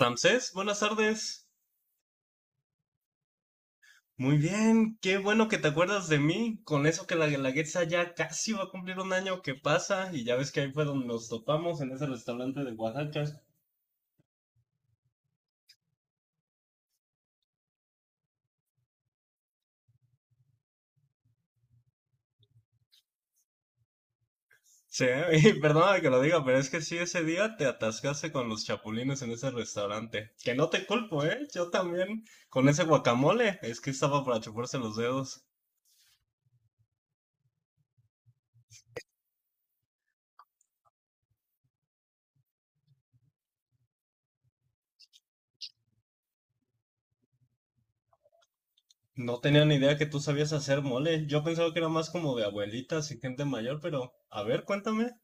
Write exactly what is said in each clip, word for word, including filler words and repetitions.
Ramsés, buenas tardes. Muy bien, qué bueno que te acuerdas de mí. Con eso que la Guelaguetza ya casi va a cumplir un año que pasa, y ya ves que ahí fue donde nos topamos en ese restaurante de Oaxaca. Sí, y perdóname que lo diga, pero es que sí, ese día te atascaste con los chapulines en ese restaurante. Que no te culpo, ¿eh? Yo también. Con ese guacamole, es que estaba para chuparse los dedos. No tenía ni idea que tú sabías hacer mole. Yo pensaba que era más como de abuelitas y gente mayor, pero a ver, cuéntame.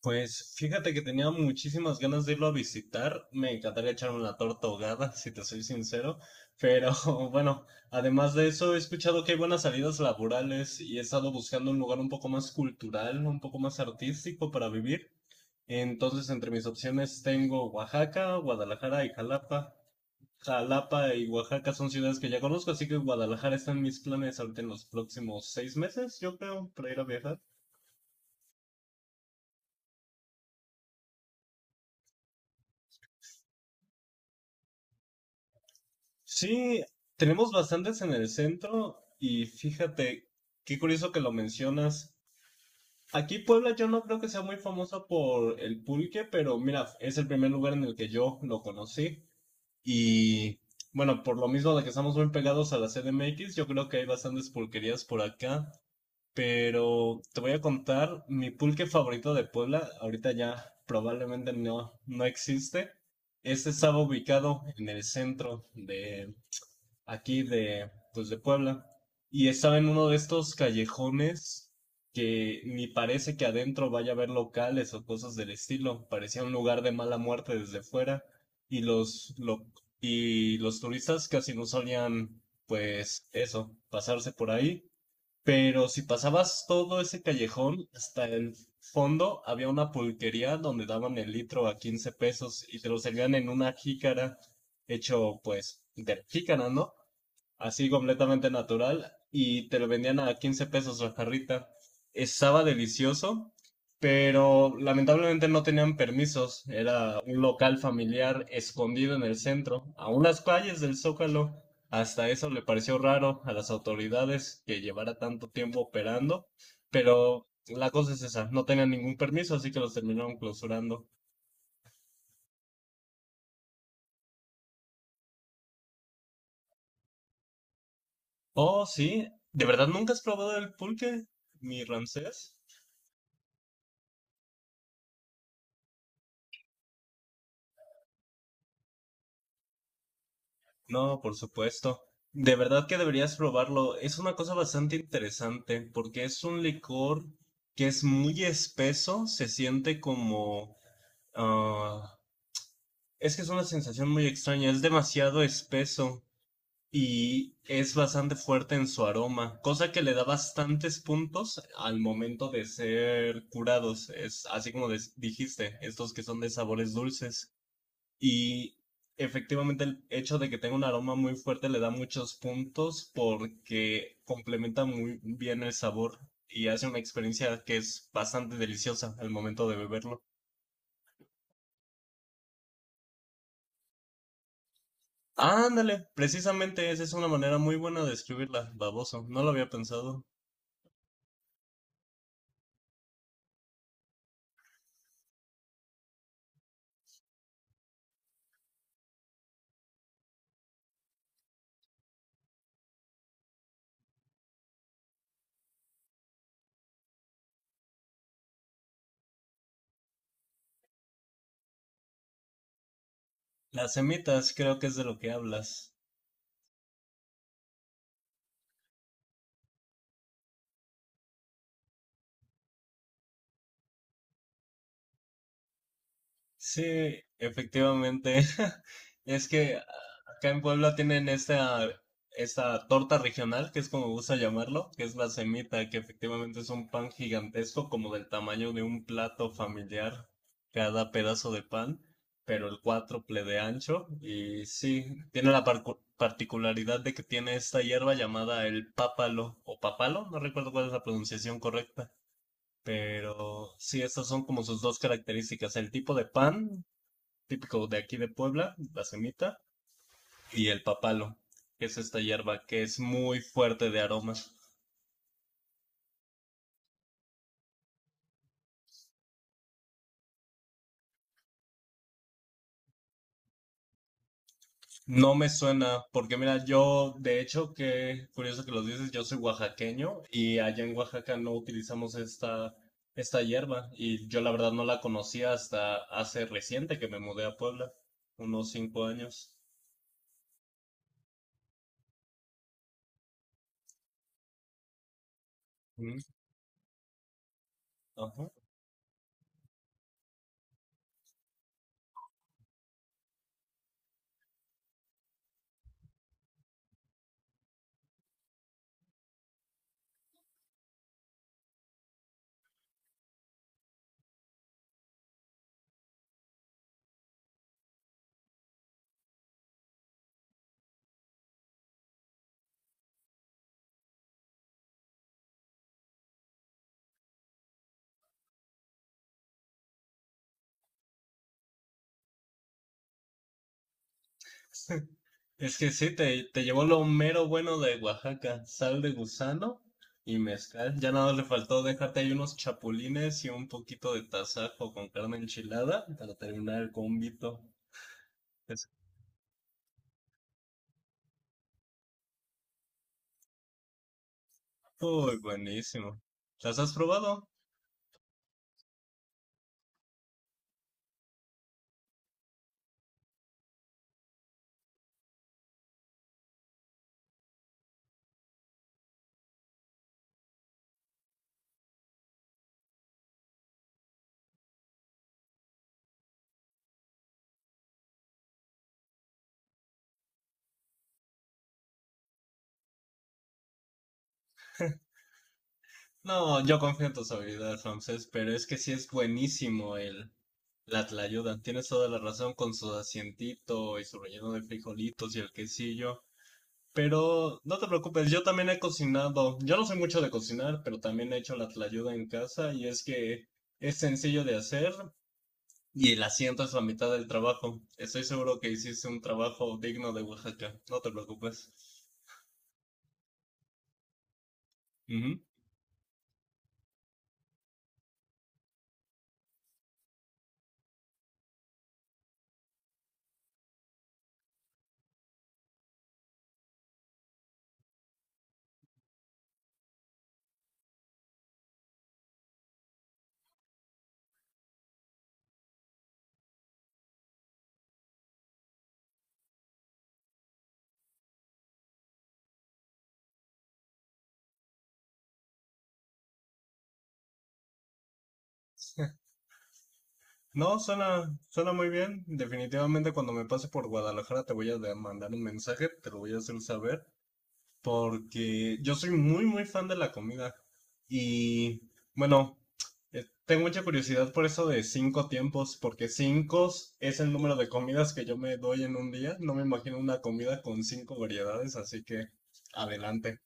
Pues fíjate que tenía muchísimas ganas de irlo a visitar. Me encantaría echarme una torta ahogada, si te soy sincero. Pero bueno, además de eso, he escuchado que hay buenas salidas laborales y he estado buscando un lugar un poco más cultural, un poco más artístico para vivir. Entonces, entre mis opciones tengo Oaxaca, Guadalajara y Jalapa. Jalapa y Oaxaca son ciudades que ya conozco, así que Guadalajara está en mis planes ahorita en los próximos seis meses, yo creo, para ir a viajar. Sí, tenemos bastantes en el centro y fíjate, qué curioso que lo mencionas. Aquí Puebla yo no creo que sea muy famosa por el pulque, pero mira, es el primer lugar en el que yo lo conocí. Y bueno, por lo mismo de que estamos muy pegados a la C D M X, yo creo que hay bastantes pulquerías por acá. Pero te voy a contar mi pulque favorito de Puebla. Ahorita ya probablemente no, no existe. Este estaba ubicado en el centro de aquí de, pues de Puebla. Y estaba en uno de estos callejones que ni parece que adentro vaya a haber locales o cosas del estilo. Parecía un lugar de mala muerte desde fuera. Y los, lo- y los turistas casi no solían, pues eso, pasarse por ahí. Pero si pasabas todo ese callejón, hasta el fondo había una pulquería donde daban el litro a quince pesos y te lo servían en una jícara hecho pues de la jícara, ¿no? Así completamente natural, y te lo vendían a quince pesos la jarrita. Estaba delicioso, pero lamentablemente no tenían permisos. Era un local familiar escondido en el centro, a unas calles del Zócalo. Hasta eso le pareció raro a las autoridades que llevara tanto tiempo operando, pero la cosa es esa, no tenían ningún permiso, así que los terminaron clausurando. Oh, sí, ¿de verdad nunca has probado el pulque, mi Ramsés? No, por supuesto. De verdad que deberías probarlo. Es una cosa bastante interesante porque es un licor que es muy espeso, se siente como, ah, es que es una sensación muy extraña, es demasiado espeso y es bastante fuerte en su aroma, cosa que le da bastantes puntos al momento de ser curados. Es así como des- dijiste, estos que son de sabores dulces. Y efectivamente el hecho de que tenga un aroma muy fuerte le da muchos puntos porque complementa muy bien el sabor y hace una experiencia que es bastante deliciosa al momento de beberlo. Ándale, precisamente esa es una manera muy buena de describirla, baboso. No lo había pensado. Las semitas creo que es de lo que hablas. Sí, efectivamente. Es que ah, acá en Puebla tienen esta, esta torta regional, que es como gusta llamarlo, que es la semita, que efectivamente es un pan gigantesco, como del tamaño de un plato familiar, cada pedazo de pan, pero el cuádruple de ancho. Y sí, tiene la parcu- particularidad de que tiene esta hierba llamada el pápalo, o papalo, no recuerdo cuál es la pronunciación correcta. Pero sí, estas son como sus dos características, el tipo de pan típico de aquí de Puebla, la semita, y el papalo, que es esta hierba que es muy fuerte de aromas. No me suena, porque mira, yo, de hecho, que curioso que lo dices, yo soy oaxaqueño y allá en Oaxaca no utilizamos esta, esta hierba y yo la verdad no la conocía hasta hace reciente que me mudé a Puebla, unos cinco años. Mm. Ajá. Es que sí, te, te llevó lo mero bueno de Oaxaca, sal de gusano y mezcal. Ya nada le faltó, déjate ahí unos chapulines y un poquito de tasajo con carne enchilada para terminar el combito. Es muy buenísimo. ¿Las has probado? No, yo confío en tus habilidades, Ramsés, pero es que sí es buenísimo el la tlayuda. Tienes toda la razón con su asientito y su relleno de frijolitos y el quesillo. Pero no te preocupes, yo también he cocinado. Yo no soy mucho de cocinar, pero también he hecho la tlayuda en casa y es que es sencillo de hacer y el asiento es la mitad del trabajo. Estoy seguro que hiciste un trabajo digno de Oaxaca, no te preocupes. Ujú. No, suena, suena muy bien. Definitivamente cuando me pase por Guadalajara te voy a de- mandar un mensaje, te lo voy a hacer saber, porque yo soy muy, muy fan de la comida. Y bueno, eh, tengo mucha curiosidad por eso de cinco tiempos, porque cinco es el número de comidas que yo me doy en un día. No me imagino una comida con cinco variedades, así que adelante.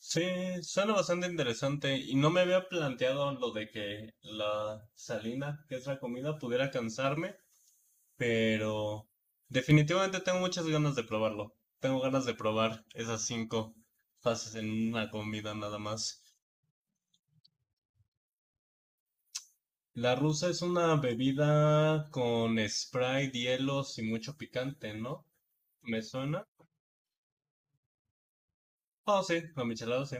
Sí, suena bastante interesante y no me había planteado lo de que la salina, que es la comida, pudiera cansarme, pero definitivamente tengo muchas ganas de probarlo. Tengo ganas de probar esas cinco fases en una comida nada más. La rusa es una bebida con Sprite, hielos y mucho picante, ¿no? ¿Me suena? Oh, sí, la michelada sí.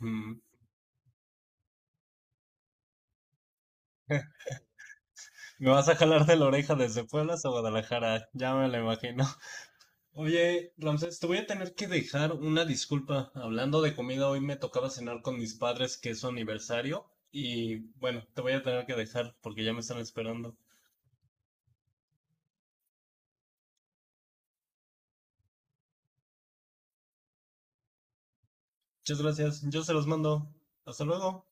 Mm. Me vas a jalar de la oreja desde Puebla hasta Guadalajara, ya me lo imagino. Oye, Ramsés, te voy a tener que dejar una disculpa. Hablando de comida, hoy me tocaba cenar con mis padres, que es su aniversario. Y bueno, te voy a tener que dejar porque ya me están esperando. Muchas gracias, yo se los mando. Hasta luego.